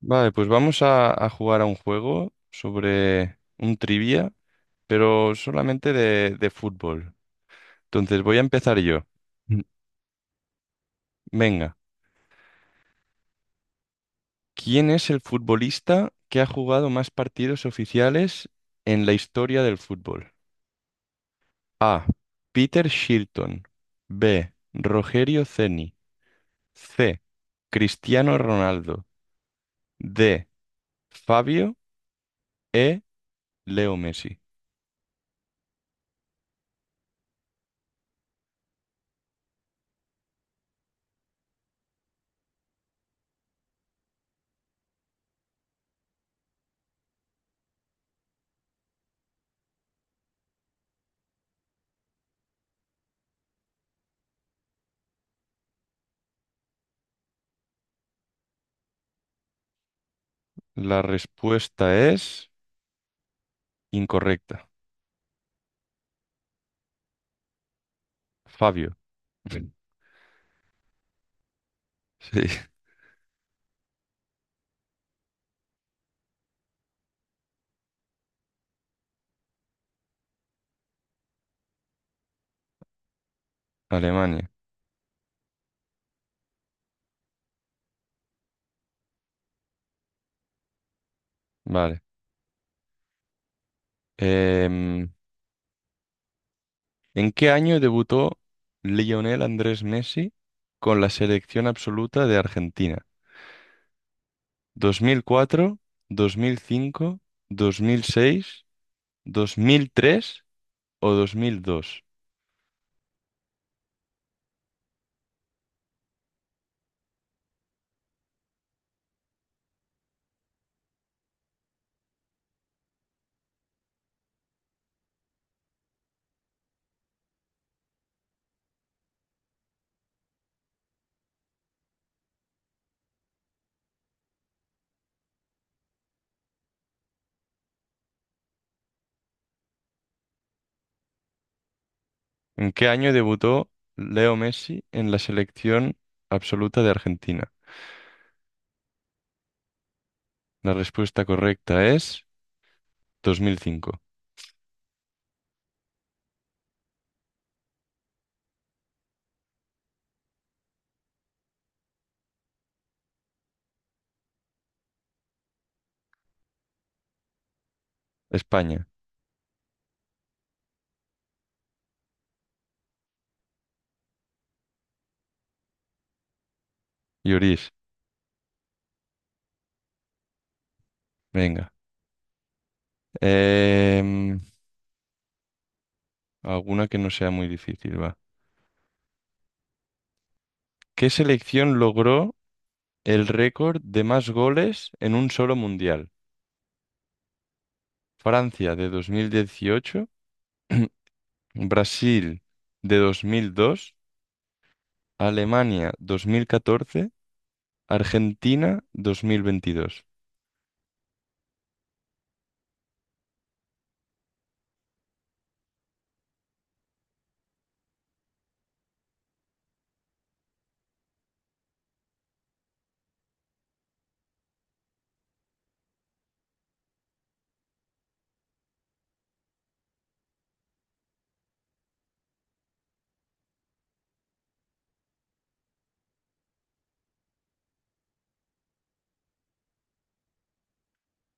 Vale, pues vamos a jugar a un juego sobre un trivia, pero solamente de fútbol. Entonces voy a empezar yo. Mm. Venga, ¿quién es el futbolista que ha jugado más partidos oficiales en la historia del fútbol? A. Peter Shilton. B. Rogerio Ceni. C. Cristiano Ronaldo. D. Fabio. E. Leo Messi. La respuesta es incorrecta. Fabio. Sí. Alemania. Vale. Em, ¿En qué año debutó Lionel Andrés Messi con la selección absoluta de Argentina? ¿2004, 2005, 2006, 2003 o 2002? ¿En qué año debutó Leo Messi en la selección absoluta de Argentina? La respuesta correcta es 2005. España. Lloris. Venga. Em, Alguna que no sea muy difícil, va. ¿Qué selección logró el récord de más goles en un solo mundial? Francia de 2018, Brasil de 2002, Alemania 2014, Argentina 2022.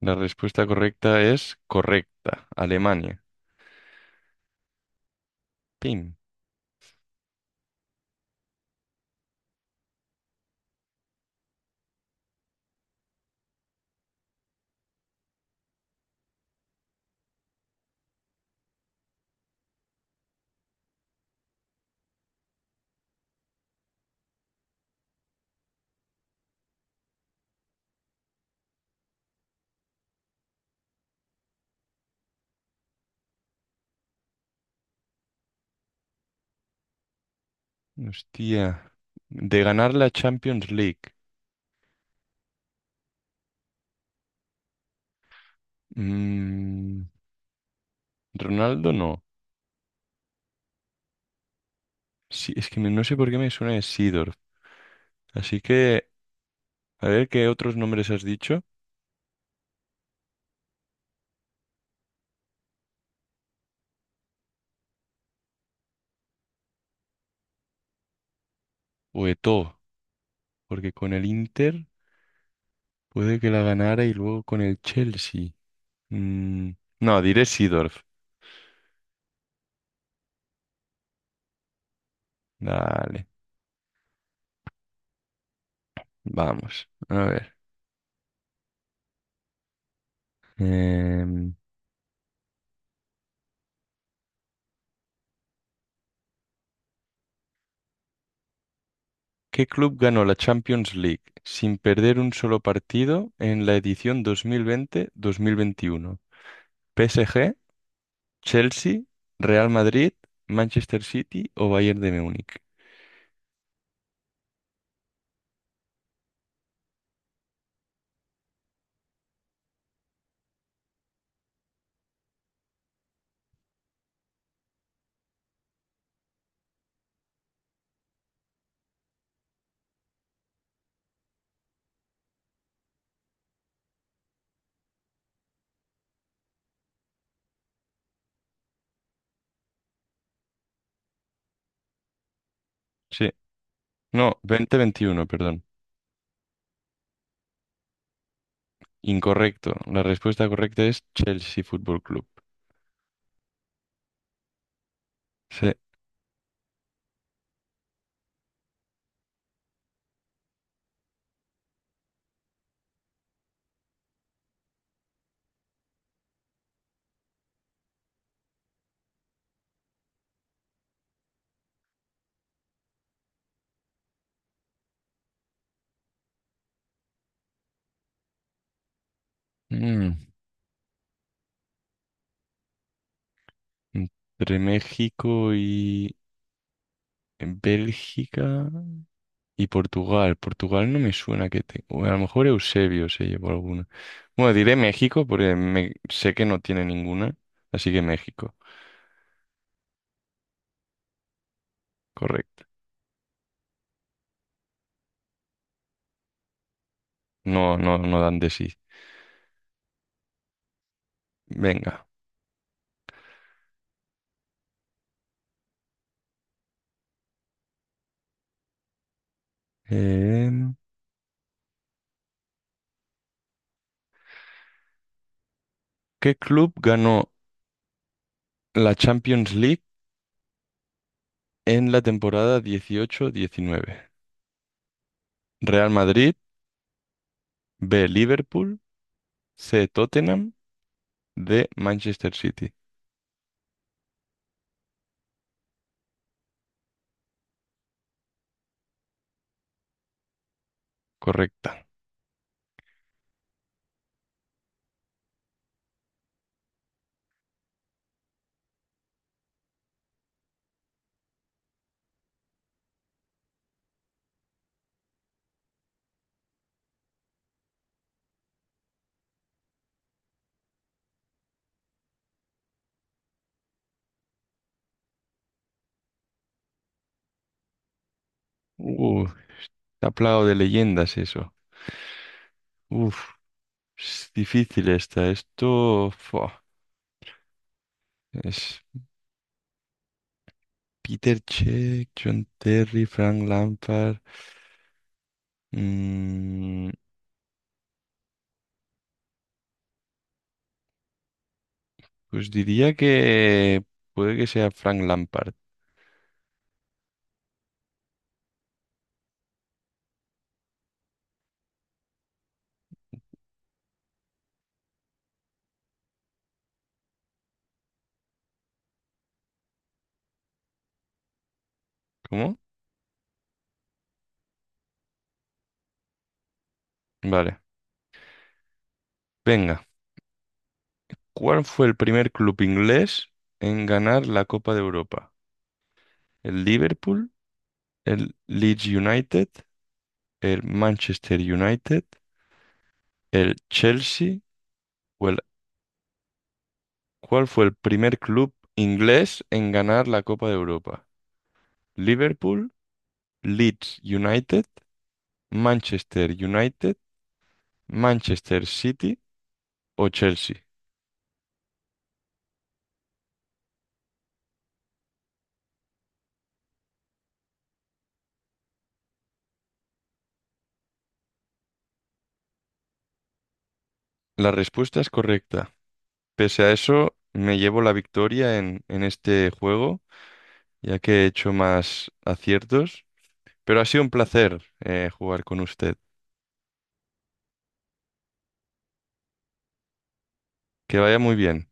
La respuesta correcta es correcta, Alemania. Pim. Hostia. De ganar la Champions League. Mm, Ronaldo no. Sí, es que me- no sé por qué me suena de Sidorf. Así que, a ver qué otros nombres has dicho. O de todo, porque con el Inter puede que la ganara y luego con el Chelsea. Mm, no, diré Seedorf. Dale, vamos. A ver. Em, ¿Qué club ganó la Champions League sin perder un solo partido en la edición 2020-2021? ¿PSG, Chelsea, Real Madrid, Manchester City o Bayern de Múnich? Sí, no, 2021, perdón. Incorrecto. La respuesta correcta es Chelsea Fútbol Club. Sí. Mm, entre México y Bélgica y Portugal. Portugal no me suena que te... o a lo mejor Eusebio se llevó alguna. Bueno, diré México porque me- sé que no tiene ninguna. Así que México, correcto. No, no, no dan de sí. Venga. Em, ¿Qué club ganó la Champions League en la temporada 2018-2019? Real Madrid, B. Liverpool, C. Tottenham, D. Manchester City. Correcta. Uh, está plagado de leyendas eso. Uf, es difícil esta. Esto fua, es Peter Check, John Terry, Frank Lampard. Mm, pues diría que puede que sea Frank Lampard. ¿Cómo? Vale. Venga. ¿Cuál fue el primer club inglés en ganar la Copa de Europa? ¿El Liverpool, el Leeds United, el Manchester United, el Chelsea o el... ¿Cuál fue el primer club inglés en ganar la Copa de Europa? ¿Liverpool, Leeds United, Manchester United, Manchester City o Chelsea? La respuesta es correcta. Pese a eso, me llevo la victoria en este juego, ya que he hecho más aciertos. Pero ha sido un placer jugar con usted. Que vaya muy bien.